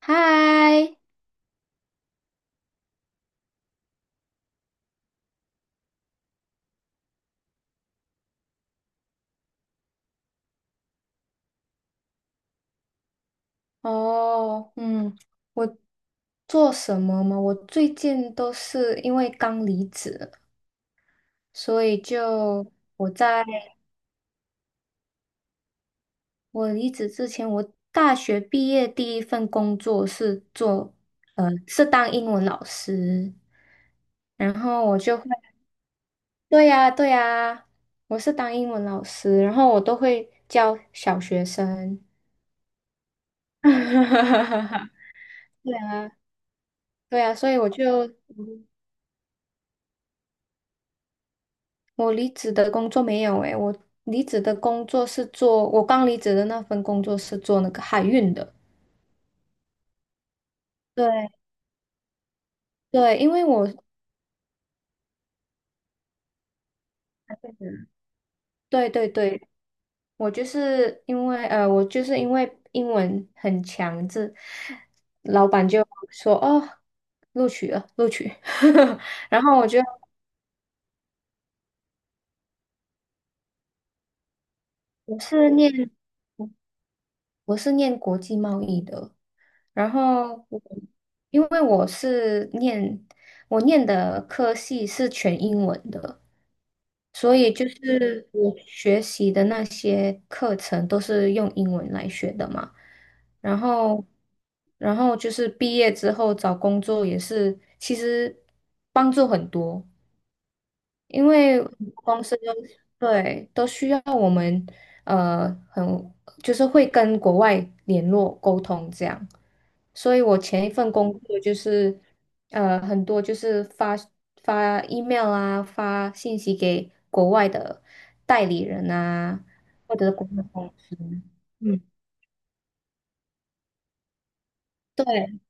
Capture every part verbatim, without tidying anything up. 嗨。哦，嗯，我做什么吗？我最近都是因为刚离职，所以就我在我离职之前，我大学毕业第一份工作是做，呃，是当英文老师。然后我就会，对呀，对呀，我是当英文老师，然后我都会教小学生。对啊，对啊。所以我就，我离职的工作没有诶，我离职的工作是做，我刚离职的那份工作是做那个海运的。对对。因为我，对对对。我就是因为呃，我就是因为英文很强，这老板就说哦，录取了，录取。然后我就我是念我是念国际贸易的。然后我因为我是念我念的科系是全英文的。所以就是我学习的那些课程都是用英文来学的嘛，然后，然后就是毕业之后找工作也是，其实帮助很多。因为公司都，对，都需要我们呃很就是会跟国外联络沟通这样，所以我前一份工作就是呃很多就是发发 email 啊，发信息给国外的代理人啊，或者是国外公司。嗯，对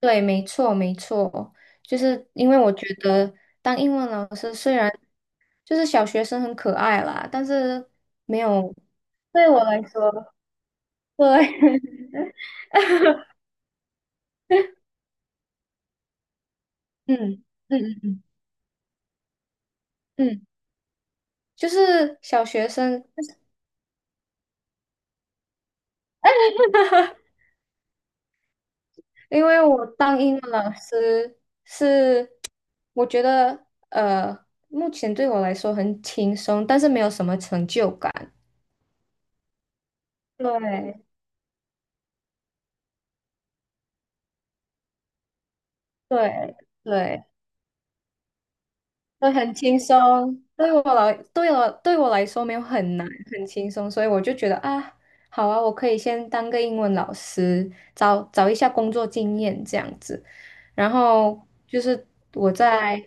对，没错没错，就是因为我觉得当英文老师虽然就是小学生很可爱啦，但是没有对我来说，对。嗯嗯嗯嗯，就是小学生，就是。 因为我当英文老师是，我觉得呃，目前对我来说很轻松，但是没有什么成就感。对对对，对，很轻松。对我来，对我对我来说没有很难，很轻松，所以我就觉得啊，好啊，我可以先当个英文老师，找找一下工作经验这样子。然后就是我在，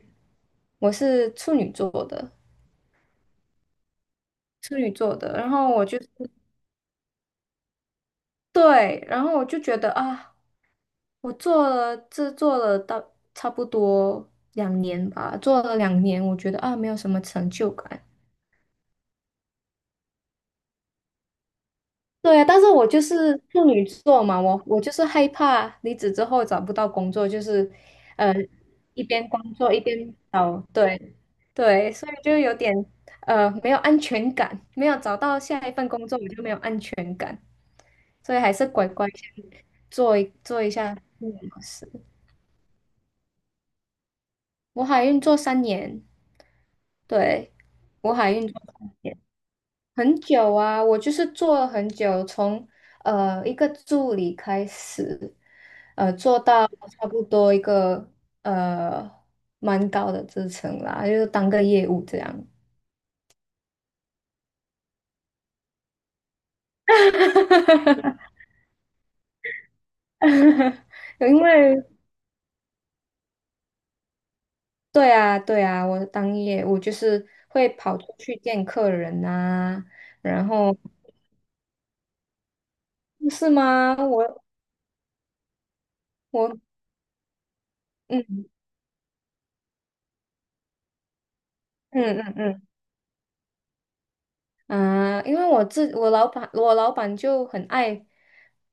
我是处女座的。处女座的。然后我就是对，然后我就觉得啊，我做了这做了到差不多两年吧，做了两年，我觉得啊，没有什么成就感。对啊，但是我就是处女座嘛，我我就是害怕离职之后找不到工作，就是呃一边工作一边找。对对，所以就有点呃没有安全感，没有找到下一份工作我就没有安全感，所以还是乖乖先做一做一下助理老师。我海运做三年，对，我海运做三年，很久啊，我就是做了很久，从呃一个助理开始。呃，做到差不多一个呃蛮高的支撑啦，就是当个业务这样。因为对啊，对啊，我当业务就是会跑出去见客人啊，然后是吗？我我嗯嗯嗯嗯，嗯，因为我自我老板，我老板就很爱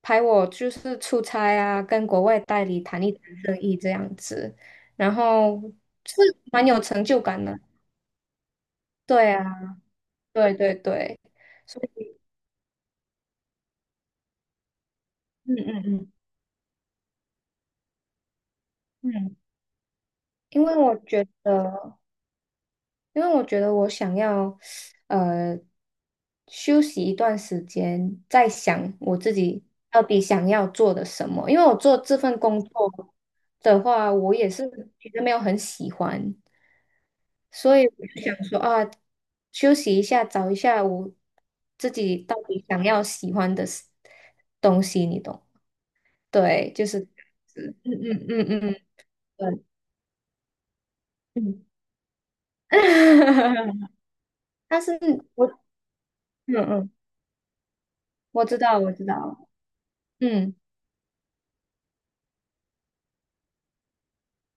拍我，就是出差啊，跟国外代理谈一谈生意这样子，然后是蛮有成就感的。对啊，对对对，所以，嗯嗯嗯嗯，因为我觉得。因为我觉得我想要，呃，休息一段时间，再想我自己到底想要做的什么。因为我做这份工作的话，我也是其实没有很喜欢，所以我就想说啊，休息一下，找一下我自己到底想要喜欢的事东西，你懂？对，就是这样子，嗯嗯嗯嗯，对，嗯。但是我，嗯嗯。我知道，我知道，嗯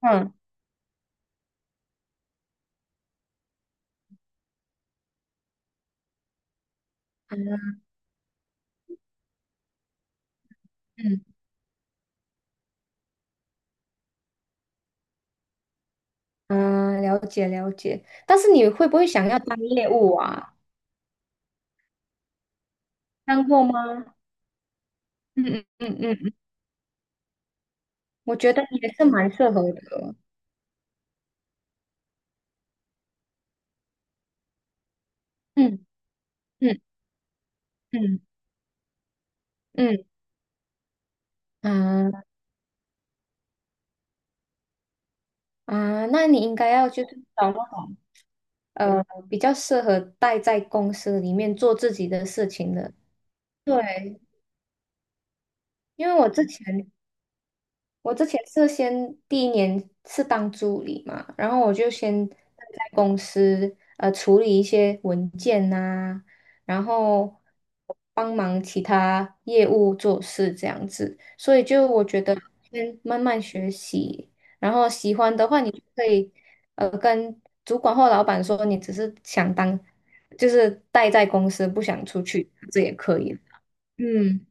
嗯嗯嗯嗯，了解了解。但是你会不会想要当业务啊？当过吗？嗯嗯嗯嗯，嗯，我觉得也是蛮适合的。嗯嗯嗯嗯，啊啊，那你应该要就是找那种呃比较适合待在公司里面做自己的事情的。对，因为我之前我之前是先第一年是当助理嘛，然后我就先在公司呃处理一些文件呐、然后帮忙其他业务做事这样子，所以就我觉得先慢慢学习，然后喜欢的话你就可以呃跟主管或老板说你只是想当就是待在公司不想出去，这也可以。嗯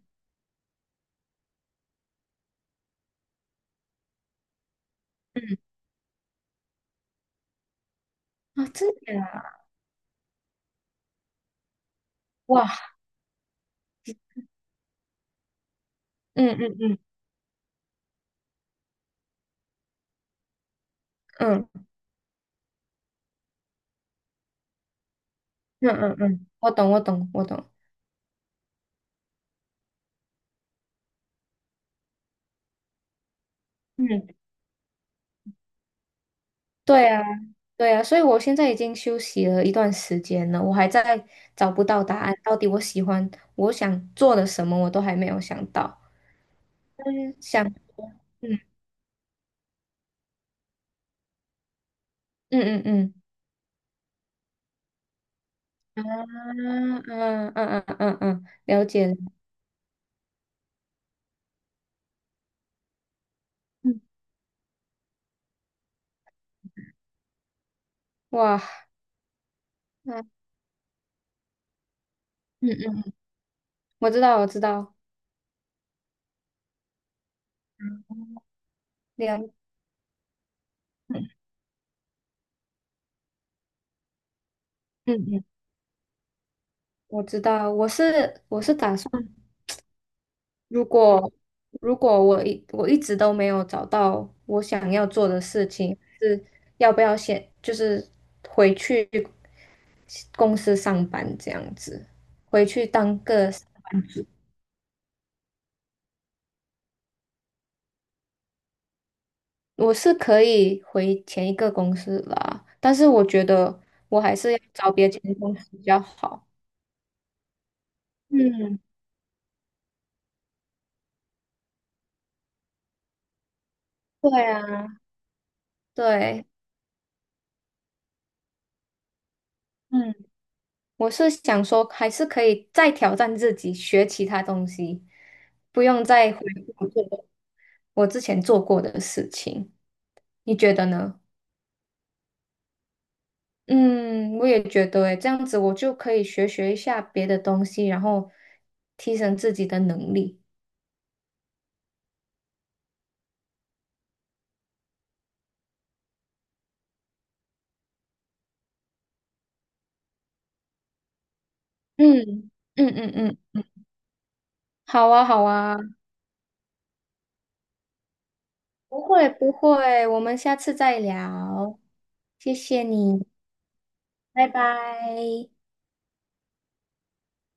嗯啊，真的啊哇，嗯嗯嗯嗯。嗯嗯嗯，我懂，我懂，我懂。嗯，对啊，对啊，所以我现在已经休息了一段时间了，我还在找不到答案，到底我喜欢我想做的什么，我都还没有想到。但是想，嗯嗯嗯嗯，啊啊啊啊啊啊，了解了。嗯，哇，那嗯嗯，我知道，我知道，了，嗯嗯，我知道，我是我是打算。如果如果我一我一直都没有找到我想要做的事情，是要不要先就是回去公司上班这样子，回去当个我是可以回前一个公司啦，但是我觉得我还是要找别间公司比较好。嗯，对啊，对。嗯。我是想说，还是可以再挑战自己，学其他东西，不用再回顾做我之前做过的事情。你觉得呢？嗯，我也觉得诶，这样子我就可以学学一下别的东西，然后提升自己的能力。嗯嗯嗯嗯，好啊好啊，不会不会，我们下次再聊，谢谢你，拜拜。